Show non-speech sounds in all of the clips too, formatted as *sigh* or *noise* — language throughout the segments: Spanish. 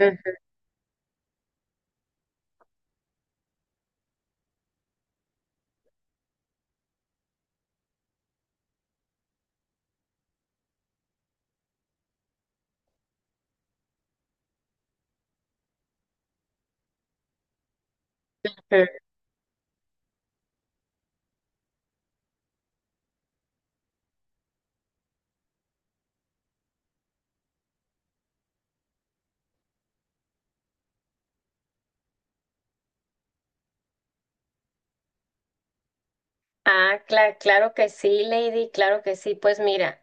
Ujú. Ah, claro que sí, Lady, claro que sí. Pues mira,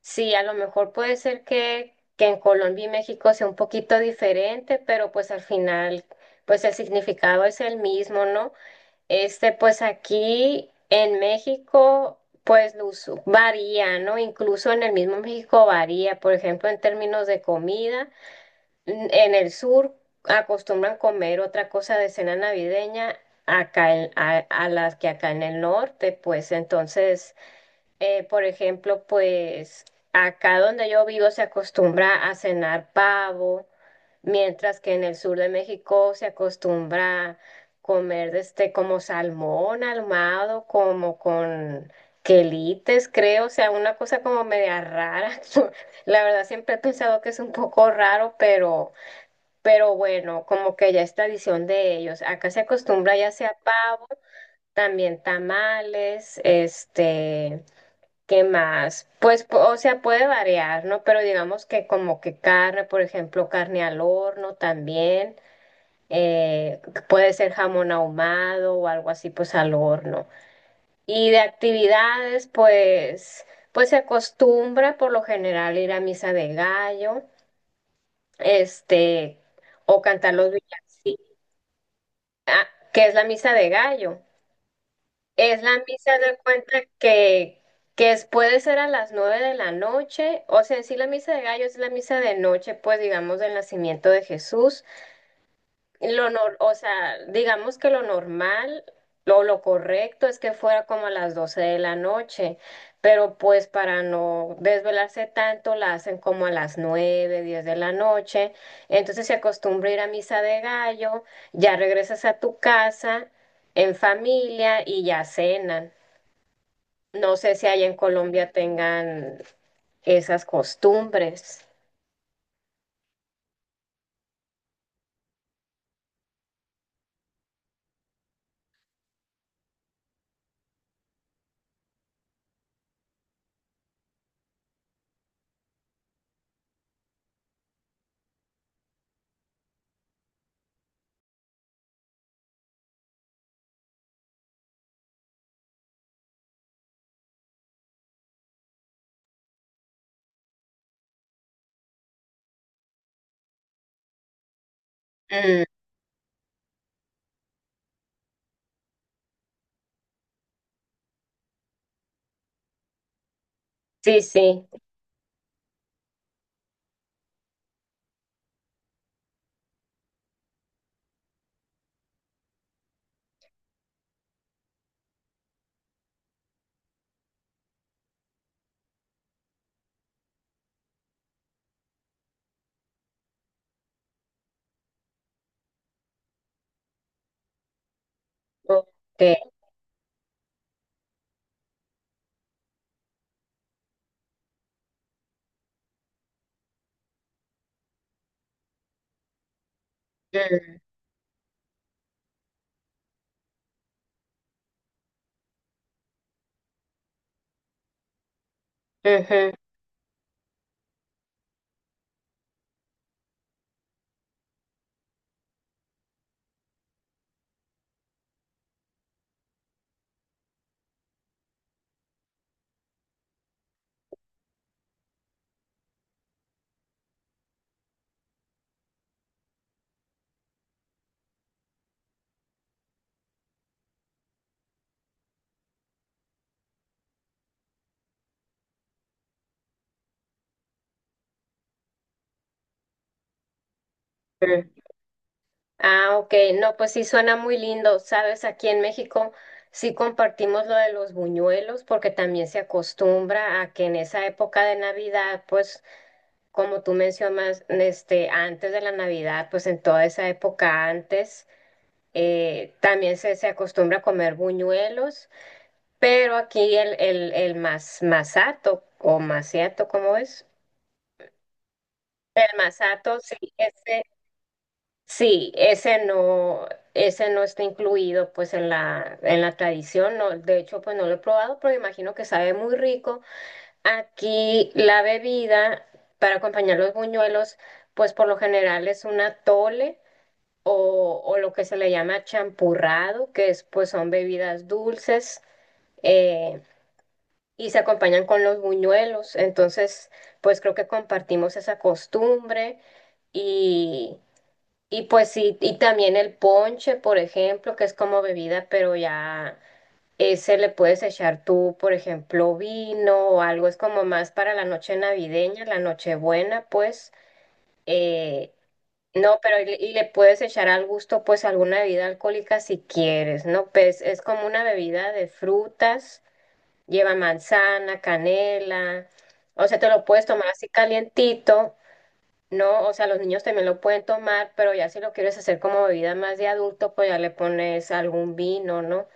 sí, a lo mejor puede ser que en Colombia y México sea un poquito diferente, pero pues al final, pues el significado es el mismo, ¿no? Este, pues aquí en México, pues lo varía, ¿no? Incluso en el mismo México varía, por ejemplo, en términos de comida. En el sur acostumbran comer otra cosa de cena navideña acá a las que acá en el norte, pues entonces, por ejemplo, pues acá donde yo vivo se acostumbra a cenar pavo, mientras que en el sur de México se acostumbra comer este como salmón ahumado, como con quelites, creo, o sea, una cosa como media rara. *laughs* La verdad siempre he pensado que es un poco raro, pero bueno, como que ya es tradición de ellos. Acá se acostumbra ya sea pavo, también tamales, este, ¿qué más? Pues, o sea, puede variar, ¿no? Pero digamos que como que carne, por ejemplo, carne al horno también, eh, puede ser jamón ahumado o algo así, pues al horno. Y de actividades, pues, se acostumbra por lo general ir a misa de gallo, este, o cantar los villancicos. Ah, que es la misa de gallo. Es la misa de cuenta que, puede ser a las 9 de la noche, o sea, en sí la misa de gallo es la misa de noche, pues digamos, del nacimiento de Jesús. Lo nor- O sea, digamos que lo normal, lo correcto es que fuera como a las 12 de la noche, pero pues para no desvelarse tanto, la hacen como a las 9:10 de la noche. Entonces se acostumbra ir a misa de gallo, ya regresas a tu casa en familia y ya cenan. No sé si allá en Colombia tengan esas costumbres. Mm, sí, sí. Ok. Mm, ujú, ujú. Ah, ok, no, pues sí suena muy lindo, sabes. Aquí en México sí compartimos lo de los buñuelos porque también se acostumbra a que en esa época de Navidad, pues como tú mencionas, este, antes de la Navidad, pues en toda esa época antes, también se acostumbra a comer buñuelos, pero aquí el masato o maciato, ¿cómo es? El masato, sí, ese. Sí, ese no está incluido pues en la tradición, no, de hecho pues no lo he probado, pero imagino que sabe muy rico. Aquí la bebida para acompañar los buñuelos pues por lo general es un atole o, lo que se le llama champurrado, que es pues son bebidas dulces eh, y se acompañan con los buñuelos. Entonces pues creo que compartimos esa costumbre y pues sí, y también el ponche, por ejemplo, que es como bebida, pero ya ese le puedes echar tú, por ejemplo, vino o algo. Es como más para la noche navideña, la Nochebuena, pues. eh, no, pero y le puedes echar al gusto, pues, alguna bebida alcohólica si quieres, ¿no? Pues es como una bebida de frutas, lleva manzana, canela, o sea, te lo puedes tomar así calientito. No, o sea, los niños también lo pueden tomar, pero ya si lo quieres hacer como bebida más de adulto, pues ya le pones algún vino, ¿no?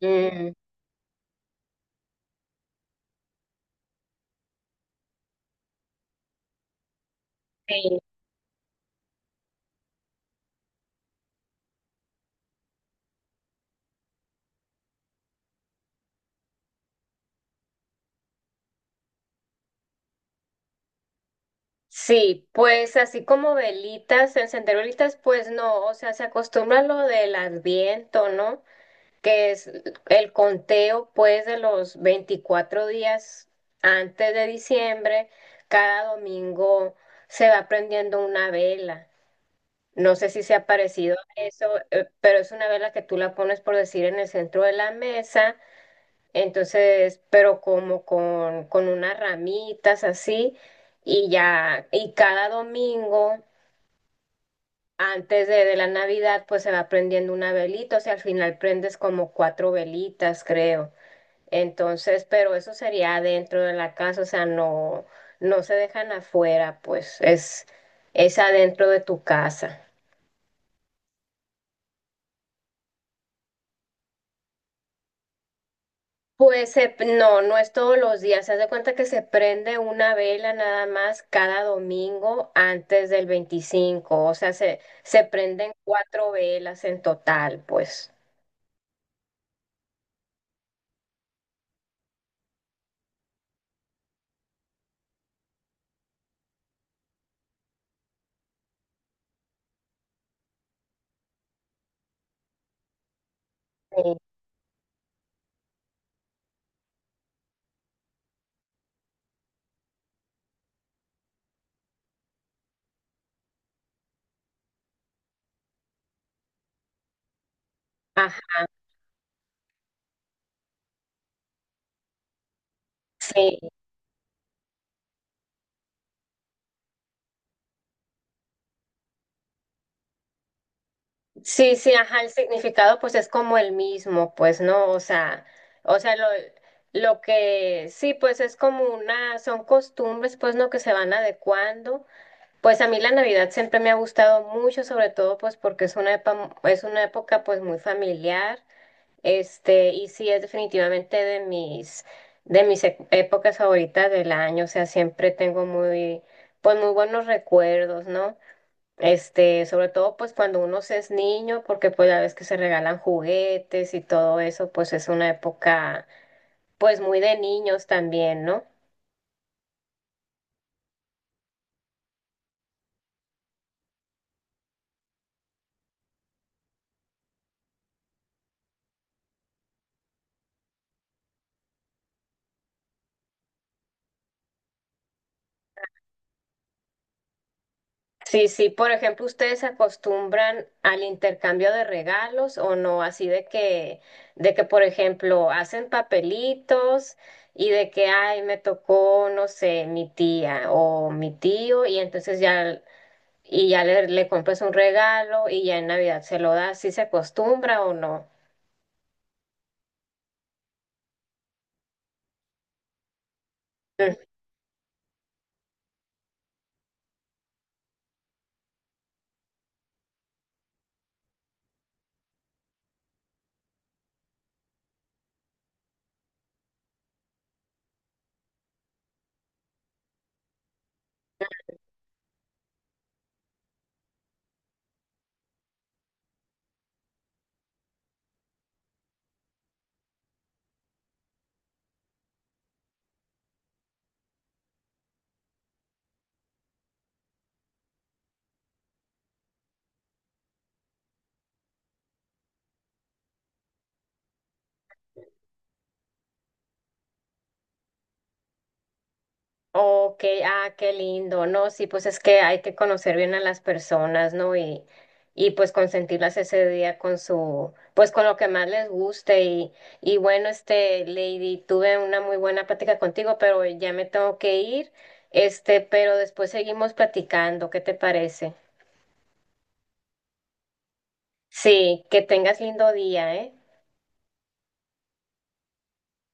Mm, sí. Sí, pues así como velitas, encender velitas, pues no, o sea, se acostumbra a lo del adviento, ¿no? Que es el conteo, pues, de los 24 días antes de diciembre, cada domingo se va prendiendo una vela. No sé si se ha parecido a eso, pero es una vela que tú la pones, por decir, en el centro de la mesa. Entonces, pero como con unas ramitas así, y ya, y cada domingo, antes de la Navidad, pues se va prendiendo una velita, o sea, al final prendes como cuatro velitas, creo. Entonces, pero eso sería dentro de la casa, o sea, no, no se dejan afuera, pues es adentro de tu casa. Pues no, no es todos los días. Se hace cuenta que se prende una vela nada más cada domingo antes del 25. O sea, se prenden cuatro velas en total, pues. Sí. Ajá, sí. Sí, sí, ajá, el significado pues es como el mismo, pues, ¿no? O sea, lo que sí, pues es como son costumbres, pues, ¿no? Que se van adecuando. Pues a mí la Navidad siempre me ha gustado mucho, sobre todo pues porque es es una época pues muy familiar, este, y sí es definitivamente de mis épocas favoritas del año, o sea, siempre tengo muy pues muy buenos recuerdos, ¿no? Este, sobre todo pues cuando uno se es niño, porque pues la vez que se regalan juguetes y todo eso, pues es una época pues muy de niños también, ¿no? Sí, sí, por ejemplo, ¿ustedes se acostumbran al intercambio de regalos o no? Así por ejemplo, hacen papelitos y de que, ay, me tocó, no sé, mi tía o mi tío, y entonces ya, le compras un regalo y ya en Navidad se lo das, ¿sí se acostumbra o no? Oh, ok, ah, qué lindo, ¿no? Sí, pues es que hay que conocer bien a las personas, ¿no? Y pues consentirlas ese día con su, pues con lo que más les guste. Y bueno, este, Lady, tuve una muy buena plática contigo, pero ya me tengo que ir, este, pero después seguimos platicando, ¿qué te parece? Sí, que tengas lindo día, ¿eh?